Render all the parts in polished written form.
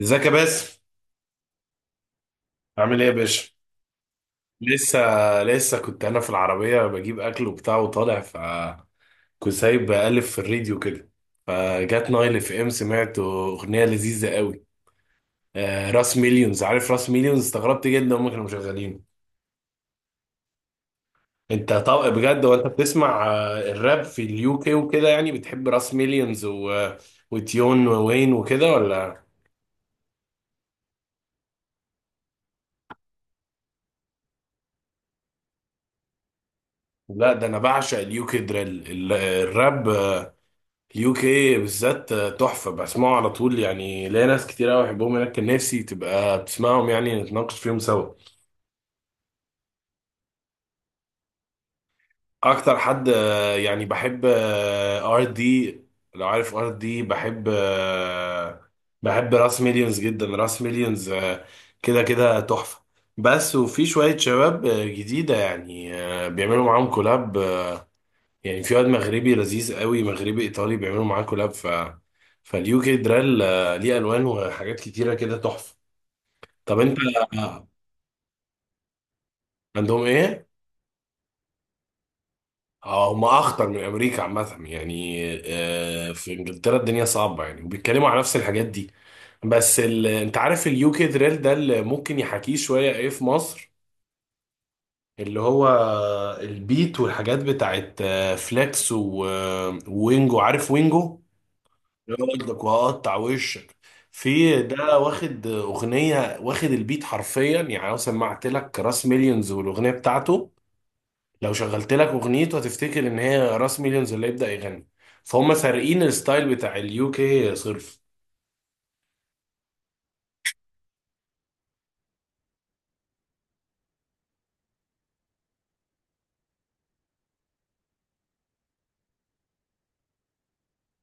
ازيك يا باسم. عامل ايه يا باشا. لسه لسه كنت انا في العربيه بجيب اكل وبتاع وطالع. كنت سايب بقلب في الراديو كده. فجات نايل اف ام سمعت اغنيه لذيذه قوي. آه، راس مليونز، عارف راس مليونز؟ استغربت جدا هم كانوا مشغلينه. انت طب بجد وانت بتسمع الراب في اليو كي وكده يعني بتحب راس مليونز وتيون ووين وكده ولا؟ لا، ده انا بعشق اليو كي دريل الراب. يو كي بالذات تحفة، بسمعه على طول. يعني ليا ناس كتير قوي بحبهم هناك، كان نفسي تبقى بتسمعهم يعني نتناقش فيهم سوا. أكتر حد يعني بحب ار دي. لو عارف ار دي، بحب بحب راس مليونز جدا. راس مليونز كده كده تحفة. بس وفي شوية شباب جديدة، يعني بيعملوا معاهم كولاب. يعني في واد مغربي لذيذ قوي، مغربي ايطالي، بيعملوا معاه كولاب. فاليو كي درال ليه الوان وحاجات كتيره كده تحفه. طب انت. آه، عندهم ايه؟ هم اخطر من امريكا عامه، يعني في انجلترا الدنيا صعبه يعني، وبيتكلموا على نفس الحاجات دي. انت عارف اليو كي درال ده اللي ممكن يحاكيه شويه ايه في مصر؟ اللي هو البيت والحاجات بتاعت فليكس وينجو. عارف وينجو؟ يقعدك وهقطع وشك. في ده واخد اغنيه واخد البيت حرفيا. يعني لو سمعت لك راس مليونز والاغنيه بتاعته، لو شغلت لك اغنيته هتفتكر ان هي راس مليونز اللي يبدا يغني. فهم سارقين الستايل بتاع اليو كي صرف.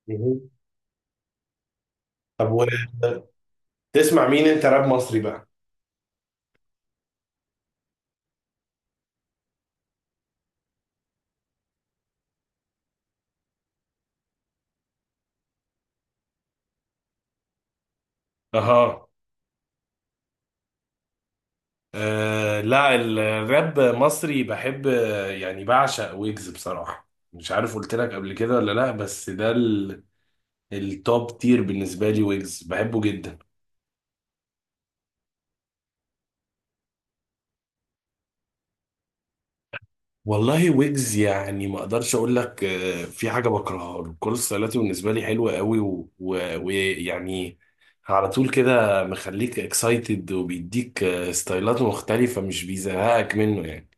مهم. طب و... تسمع مين انت راب مصري بقى؟ اها. أه، لا الراب مصري بحب يعني بعشق ويجز بصراحة. مش عارف قلت لك قبل كده ولا لا، بس ده التوب تير بالنسبة لي. ويجز بحبه جدا. والله ويجز يعني ما اقدرش اقول لك في حاجة بكرهها له. كل ستايلاته بالنسبة لي حلوة قوي، ويعني على طول كده مخليك اكسايتد، وبيديك ستايلات مختلفة، مش بيزهقك منه يعني.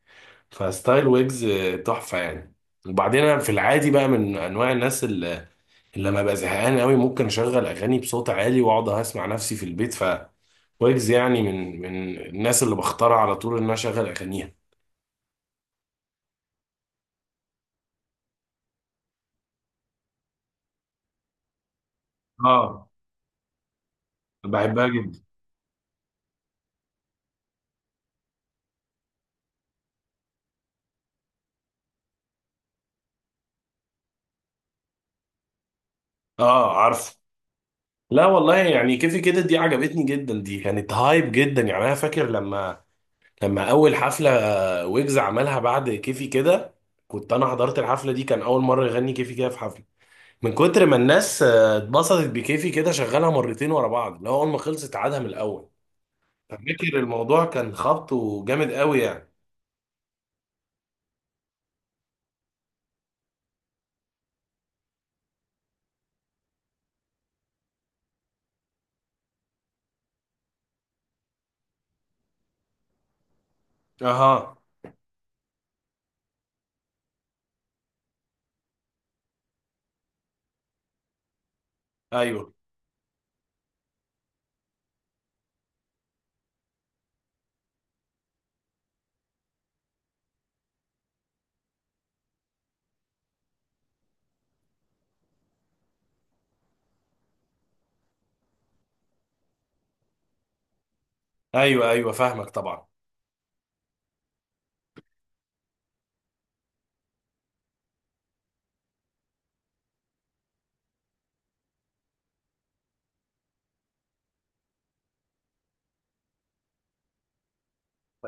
فستايل ويجز تحفة يعني. وبعدين انا في العادي بقى من انواع الناس، لما ابقى زهقان قوي ممكن اشغل اغاني بصوت عالي واقعد اسمع نفسي في البيت. ويجز يعني من الناس اللي بختار على طول ان انا اشغل اغانيها. اه، بحبها جدا. اه، عارف. لا والله، يعني كيفي كده دي عجبتني جدا، دي كانت هايب جدا يعني. انا فاكر لما اول حفله ويجز عملها بعد كيفي كده، كنت انا حضرت الحفله دي. كان اول مره يغني كيفي كده في حفله، من كتر ما الناس اتبسطت بكيفي كده شغلها مرتين ورا بعض، اللي هو اول ما خلصت عادها من الاول. فاكر الموضوع كان خبطه جامد قوي يعني. اها. ايوه، ايوه، ايوه، فاهمك طبعا.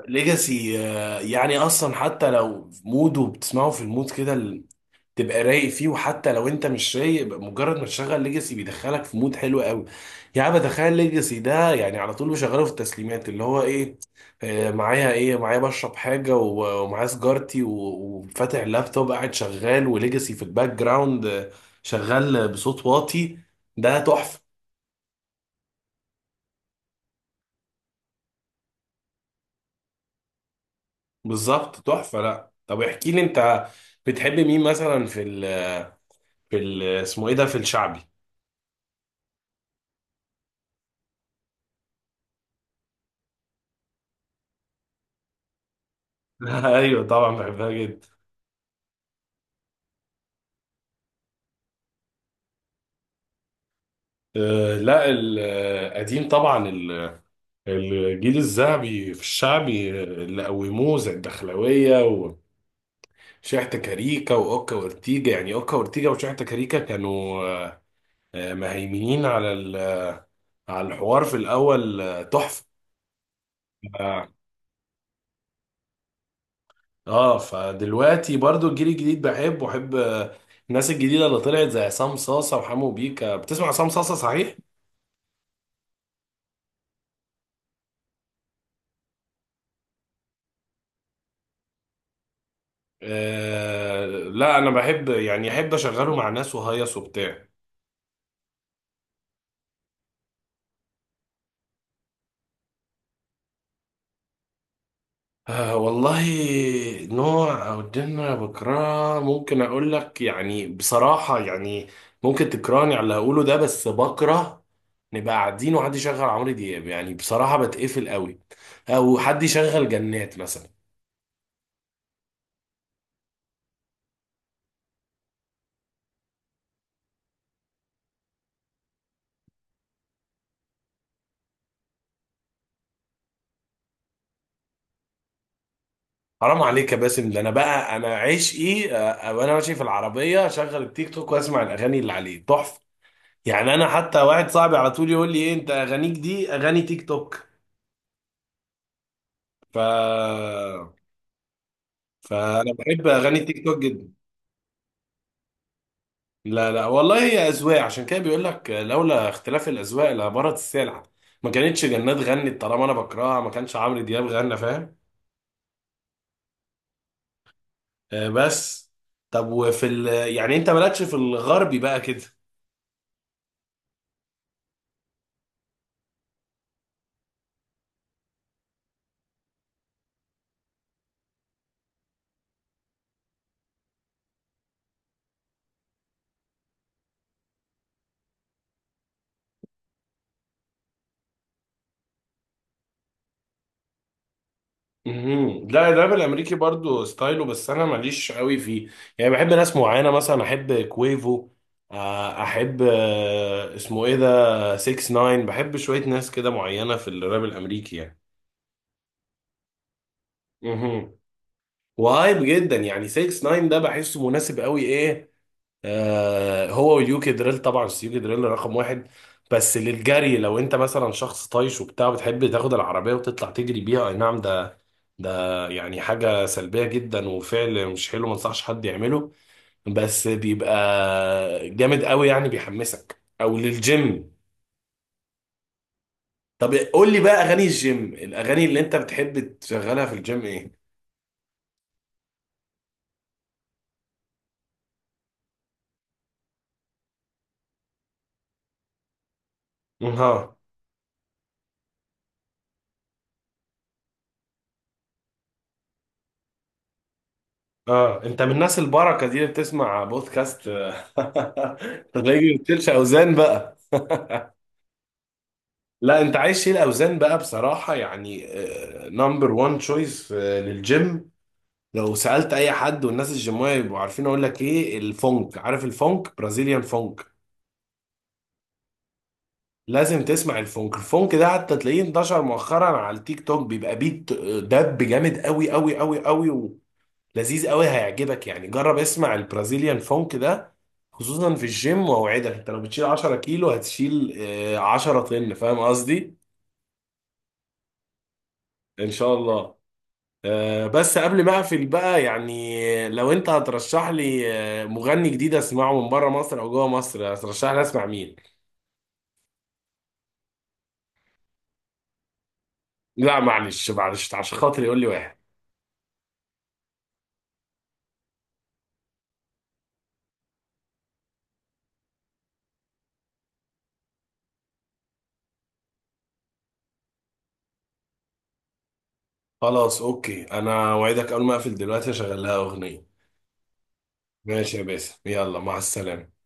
ليجاسي. يعني اصلا حتى لو في مود وبتسمعه في المود كده، تبقى رايق فيه. وحتى لو انت مش رايق، يبقى مجرد ما تشغل ليجاسي بيدخلك في مود حلو قوي. يعني بتخيل ليجاسي ده يعني على طول بشغله في التسليمات، اللي هو ايه، معايا ايه، معايا بشرب حاجه ومعايا سيجارتي وفاتح اللابتوب قاعد شغال، وليجاسي في الباك جراوند شغال بصوت واطي. ده تحفه. بالظبط تحفه. لا طب احكي لي انت، بتحب مين مثلا في ال... في ال... اسمه ايه ده، في الشعبي؟ ايوه طبعا بحبها جدا. لا القديم طبعا، الجيل الذهبي في الشعبي اللي قوموه زي الدخلاوية وشحتة كاريكا وأوكا وأورتيجا. يعني أوكا وأورتيجا وشحتة كاريكا كانوا مهيمنين على على الحوار في الأول تحفة. اه. فدلوقتي برضو الجيل الجديد بحب، وأحب الناس الجديدة اللي طلعت زي عصام صاصة وحمو بيكا. بتسمع عصام صاصة صحيح؟ آه لا، أنا بحب يعني أحب أشغله مع ناس وهيص وبتاع. آه والله، نوع أو جنة بكرهها ممكن أقول لك يعني بصراحة. يعني ممكن تكرهني على اللي هقوله ده، بس بكره نبقى قاعدين وحد يشغل عمرو دياب، يعني بصراحة بتقفل قوي. أو حد يشغل جنات مثلا. حرام عليك يا باسم، ده أنا بقى أنا عشقي. وأنا ماشي في العربية أشغل التيك توك وأسمع الأغاني اللي عليه تحفة. يعني أنا حتى واحد صاحبي على طول يقول لي إيه أنت أغانيك دي أغاني تيك توك. ف فأنا بحب أغاني تيك توك جدا. لا لا والله، هي أذواق. عشان كده بيقول لك لولا اختلاف الأذواق لبارت السلع. ما كانتش جنات غنت طالما أنا بكرهها، ما كانش عمرو دياب غنى، فاهم. آه بس. طب وفي ال... يعني أنت مالكش في الغربي بقى كده؟ مهم. لا الراب الأمريكي برضو ستايله بس أنا ماليش قوي فيه. يعني بحب ناس معينة، مثلا أحب كويفو، أحب اسمه إيه ده، 6 9. بحب شوية ناس كده معينة في الراب الأمريكي يعني. مهم. وهايب جدا يعني، 6 9 ده بحسه مناسب قوي ايه. آه هو واليوكي دريل طبعا، بس اليوكي دريل رقم واحد. بس للجري، لو انت مثلا شخص طايش وبتاع بتحب تاخد العربية وتطلع تجري بيها، اي نعم، ده يعني حاجة سلبية جدا وفعل مش حلو، ما انصحش حد يعمله. بس بيبقى جامد قوي يعني، بيحمسك، او للجيم. طب قول لي بقى اغاني الجيم، الاغاني اللي انت بتحب تشغلها في الجيم ايه؟ ها. اه انت من الناس البركه دي اللي بتسمع بودكاست. تلاقي بتشيلش اوزان بقى. لا انت عايز شيل اوزان بقى بصراحه يعني، نمبر 1 تشويس للجيم. لو سالت اي حد والناس الجيمويه يبقوا عارفين، اقول لك ايه الفونك. عارف الفونك؟ برازيليان فونك. لازم تسمع الفونك. الفونك ده حتى تلاقيه انتشر مؤخرا على التيك توك، بيبقى بيت دب جامد قوي قوي قوي قوي. لذيذ قوي هيعجبك يعني. جرب اسمع البرازيليان فونك ده خصوصا في الجيم، واوعدك انت لو بتشيل 10 كيلو هتشيل 10 طن، فاهم قصدي. ان شاء الله. بس قبل ما اقفل بقى يعني، لو انت هترشح لي مغني جديد اسمعه من بره مصر او جوه مصر، هترشح لي اسمع مين؟ لا معلش معلش، عشان خاطري يقول لي واحد. خلاص اوكي، انا اوعدك اول ما اقفل دلوقتي اشغل لها اغنية. ماشي يا باسم، يلا مع السلامة.